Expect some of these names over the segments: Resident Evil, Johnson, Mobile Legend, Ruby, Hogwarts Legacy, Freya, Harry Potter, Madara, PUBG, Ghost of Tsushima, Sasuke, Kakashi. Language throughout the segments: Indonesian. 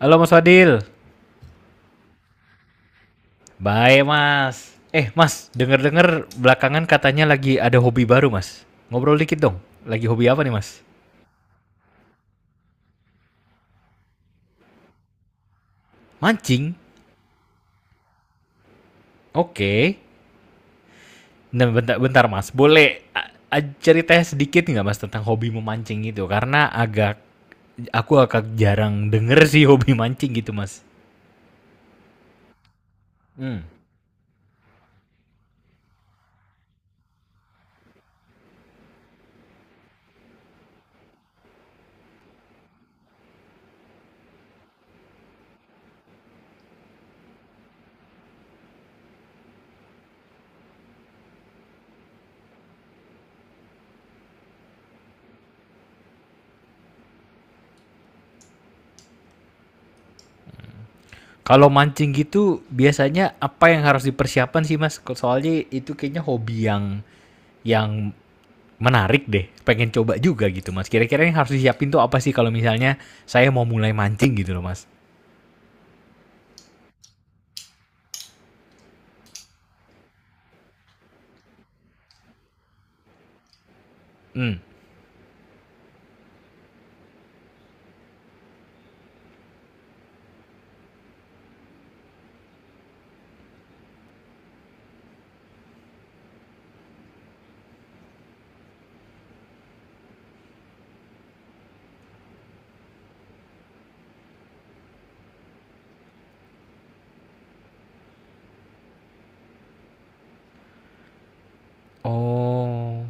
Halo Mas Fadil. Baik Mas. Mas, denger-denger belakangan katanya lagi ada hobi baru Mas. Ngobrol dikit dong. Lagi hobi apa nih Mas? Mancing. Oke. Nah, bentar-bentar Mas. Boleh ceritanya sedikit nggak Mas tentang hobi memancing itu? Karena aku agak jarang denger sih hobi mancing gitu Mas. Hmm. Kalau mancing gitu biasanya apa yang harus dipersiapkan sih Mas? Soalnya itu kayaknya hobi yang menarik deh. Pengen coba juga gitu, Mas. Kira-kira yang harus disiapin tuh apa sih kalau misalnya saya mau mulai mancing gitu loh, Mas? Hmm. Oh.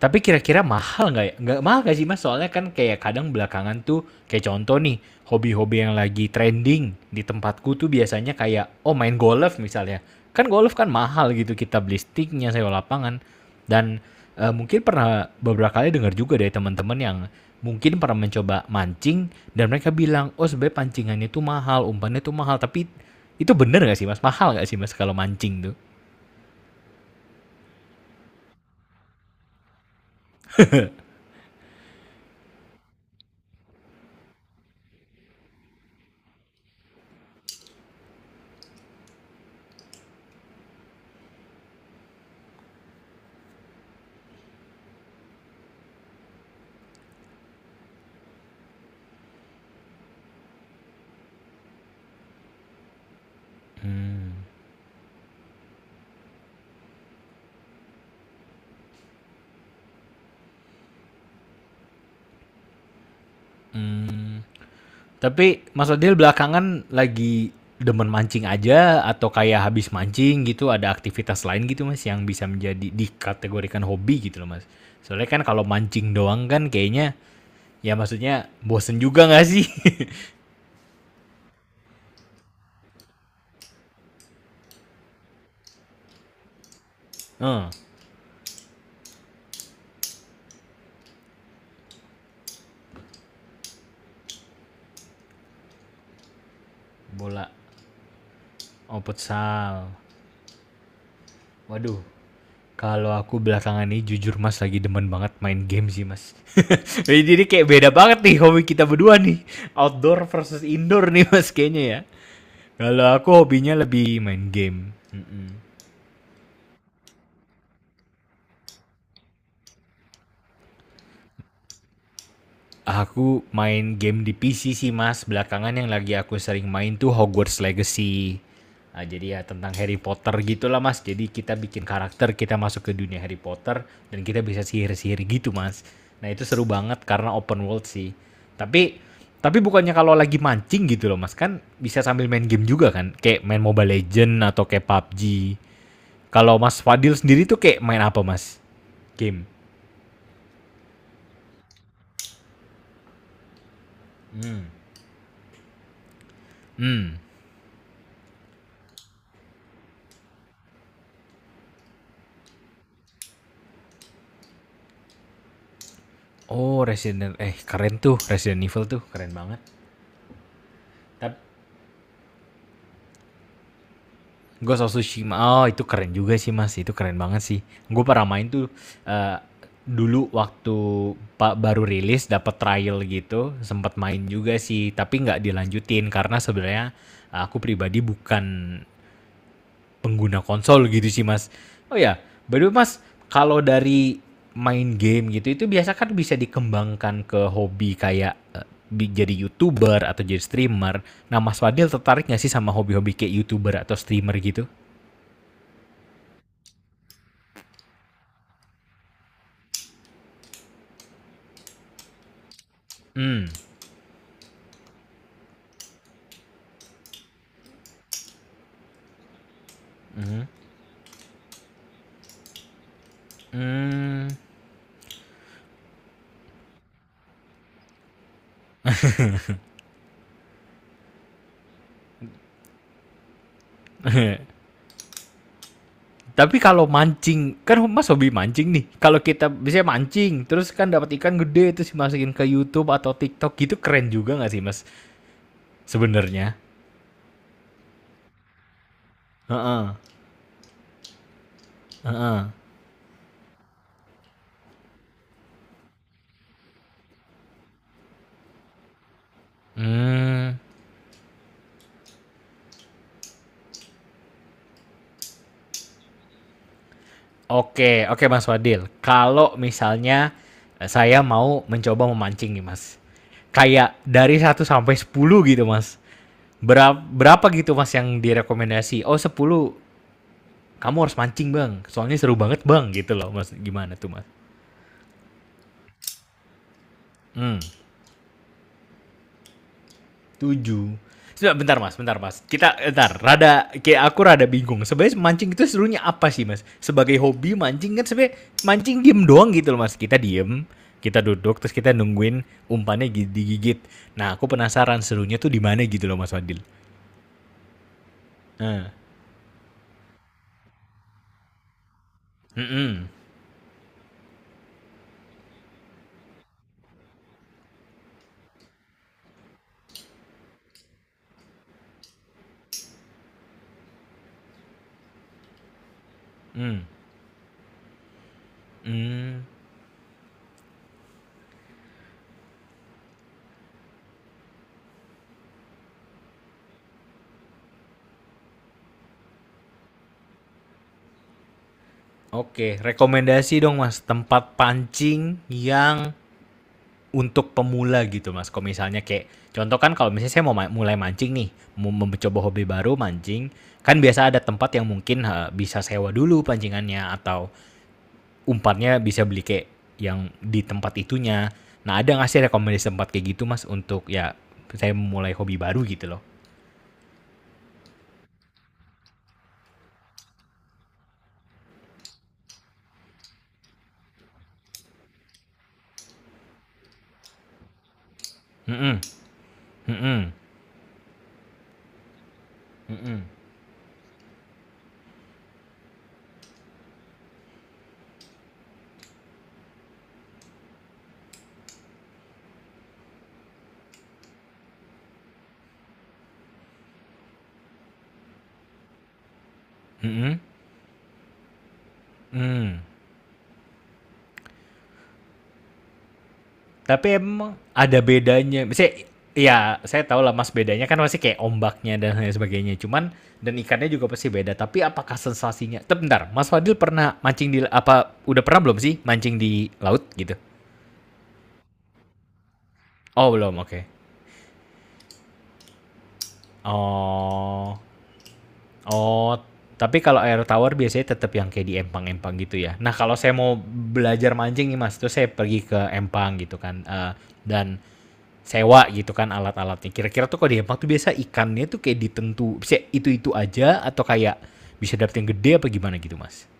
Tapi kira-kira mahal nggak ya? Nggak mahal nggak sih mas? Soalnya kan kayak kadang belakangan tuh kayak contoh nih hobi-hobi yang lagi trending di tempatku tuh biasanya kayak oh main golf misalnya. Kan golf kan mahal gitu kita beli sticknya sewa lapangan dan mungkin pernah beberapa kali dengar juga dari teman-teman yang mungkin pernah mencoba mancing dan mereka bilang oh sebenarnya pancingannya tuh mahal umpannya tuh mahal tapi itu bener nggak sih mas mahal nggak sih mas kalau mancing tuh hmm. Hmm. Tapi Mas Adil belakangan lagi demen mancing aja atau kayak habis mancing gitu ada aktivitas lain gitu Mas yang bisa menjadi dikategorikan hobi gitu loh Mas. Soalnya kan kalau mancing doang kan kayaknya ya maksudnya bosen juga nggak sih? Eh, bola oh futsal. Waduh, kalau aku belakangan ini jujur Mas lagi demen banget main game sih Mas. Jadi kayak beda banget nih hobi kita berdua nih. Outdoor versus indoor nih Mas kayaknya ya. Kalau aku hobinya lebih main game. Mm-mm. Aku main game di PC sih Mas, belakangan yang lagi aku sering main tuh Hogwarts Legacy. Ah, jadi ya tentang Harry Potter gitulah Mas. Jadi kita bikin karakter, kita masuk ke dunia Harry Potter dan kita bisa sihir-sihir gitu Mas. Nah itu seru banget karena open world sih. Tapi tapi bukannya kalau lagi mancing gitu loh Mas kan bisa sambil main game juga kan? Kayak main Mobile Legend atau kayak PUBG. Kalau Mas Fadil sendiri tuh kayak main apa Mas? Game. Hmm. Hmm. Oh, Resident eh keren tuh Resident Evil tuh keren banget. Tapi Ghost of Tsushima oh itu keren juga sih Mas, itu keren banget sih. Gue pernah main tuh eh, dulu waktu pak baru rilis dapat trial gitu, sempat main juga sih, tapi nggak dilanjutin karena sebenarnya aku pribadi bukan pengguna konsol gitu sih mas. Oh ya, by the way mas, kalau dari main game gitu itu biasa kan bisa dikembangkan ke hobi kayak jadi youtuber atau jadi streamer. Nah mas Fadil tertarik nggak sih sama hobi-hobi kayak youtuber atau streamer gitu? Hmm, hmm. Tapi kalau mancing, kan mas hobi mancing nih. Kalau kita bisa mancing, terus kan dapat ikan gede terus dimasukin ke YouTube atau TikTok gitu keren juga nggak sih mas? Sebenarnya. Heeh. Hmm. Oke, oke Mas Wadil. Kalau misalnya saya mau mencoba memancing nih Mas. Kayak dari satu sampai 10 gitu Mas. Berapa, berapa gitu Mas yang direkomendasi? Oh 10, kamu harus mancing Bang. Soalnya seru banget Bang gitu loh Mas. Gimana tuh Mas? Hmm. Tujuh. Sebentar, bentar mas, bentar mas. Kita, bentar, rada, kayak aku rada bingung. Sebenarnya mancing itu serunya apa sih mas? Sebagai hobi mancing kan sebenarnya mancing diem doang gitu loh mas. Kita diem, kita duduk, terus kita nungguin umpannya digigit. Nah aku penasaran serunya tuh di mana gitu loh mas Fadil. Nah, mm-mm, mm, mm. Oke, rekomendasi dong mas tempat pancing yang untuk pemula gitu mas. Kalau misalnya kayak contoh kan kalau misalnya saya mau mulai mancing nih, mau mencoba hobi baru mancing, kan biasa ada tempat yang mungkin ha, bisa sewa dulu pancingannya atau umpannya bisa beli kayak yang di tempat itunya. Nah ada nggak sih rekomendasi tempat kayak gitu mas untuk ya saya mulai hobi baru gitu loh. Mm -mm, mm -mm, mm -mm, mm -mm, mm. Tapi emang ada bedanya. Misalnya, ya saya tahu lah mas bedanya kan pasti kayak ombaknya dan lain sebagainya. Cuman dan ikannya juga pasti beda. Tapi apakah sensasinya? Tapi bentar, Mas Fadil pernah mancing di apa? Udah pernah belum sih mancing di laut gitu? Oh belum, oke. Oh, oh. Tapi kalau air tawar biasanya tetap yang kayak di empang-empang gitu ya. Nah kalau saya mau belajar mancing nih mas, itu saya pergi ke empang gitu kan. Eh, dan sewa gitu kan alat-alatnya. Kira-kira tuh kalau di Jepang tuh biasa ikannya tuh kayak ditentu bisa itu-itu aja atau kayak bisa dapet yang gede apa gimana gitu, Mas?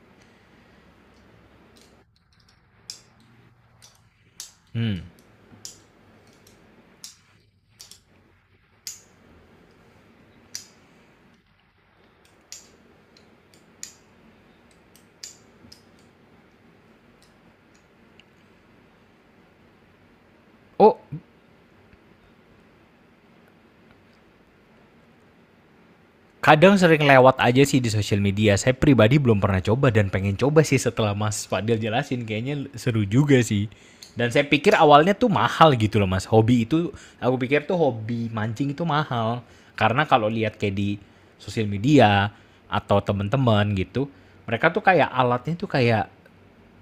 Hmm. Oh, kadang sering lewat aja sih di sosial media. Saya pribadi belum pernah coba dan pengen coba sih setelah Mas Fadil jelasin. Kayaknya seru juga sih. Dan saya pikir awalnya tuh mahal gitu loh mas. Hobi itu, aku pikir tuh hobi mancing itu mahal. Karena kalau lihat kayak di sosial media atau temen-temen gitu, mereka tuh kayak alatnya tuh kayak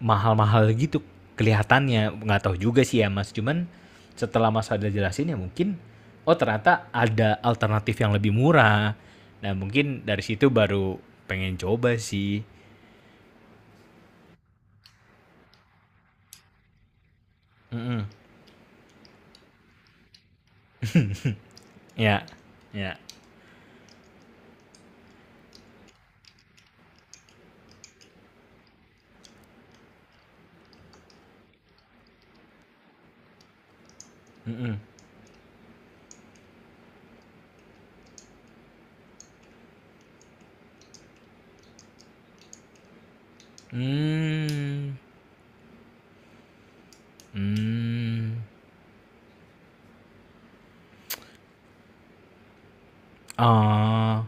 mahal-mahal gitu kelihatannya nggak tahu juga sih ya mas cuman setelah mas ada jelasin ya mungkin oh ternyata ada alternatif yang lebih murah nah mungkin dari situ baru pengen coba sih Mm-mm. ya ya Mm-mm. Hmm. Hmm. Ah.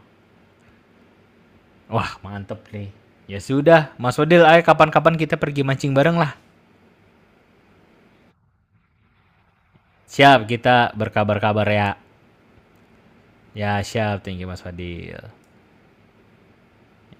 wah mantep nih ya sudah mas Odil ayo kapan-kapan kita pergi mancing bareng lah siap kita berkabar-kabar ya ya siap tinggi mas Fadil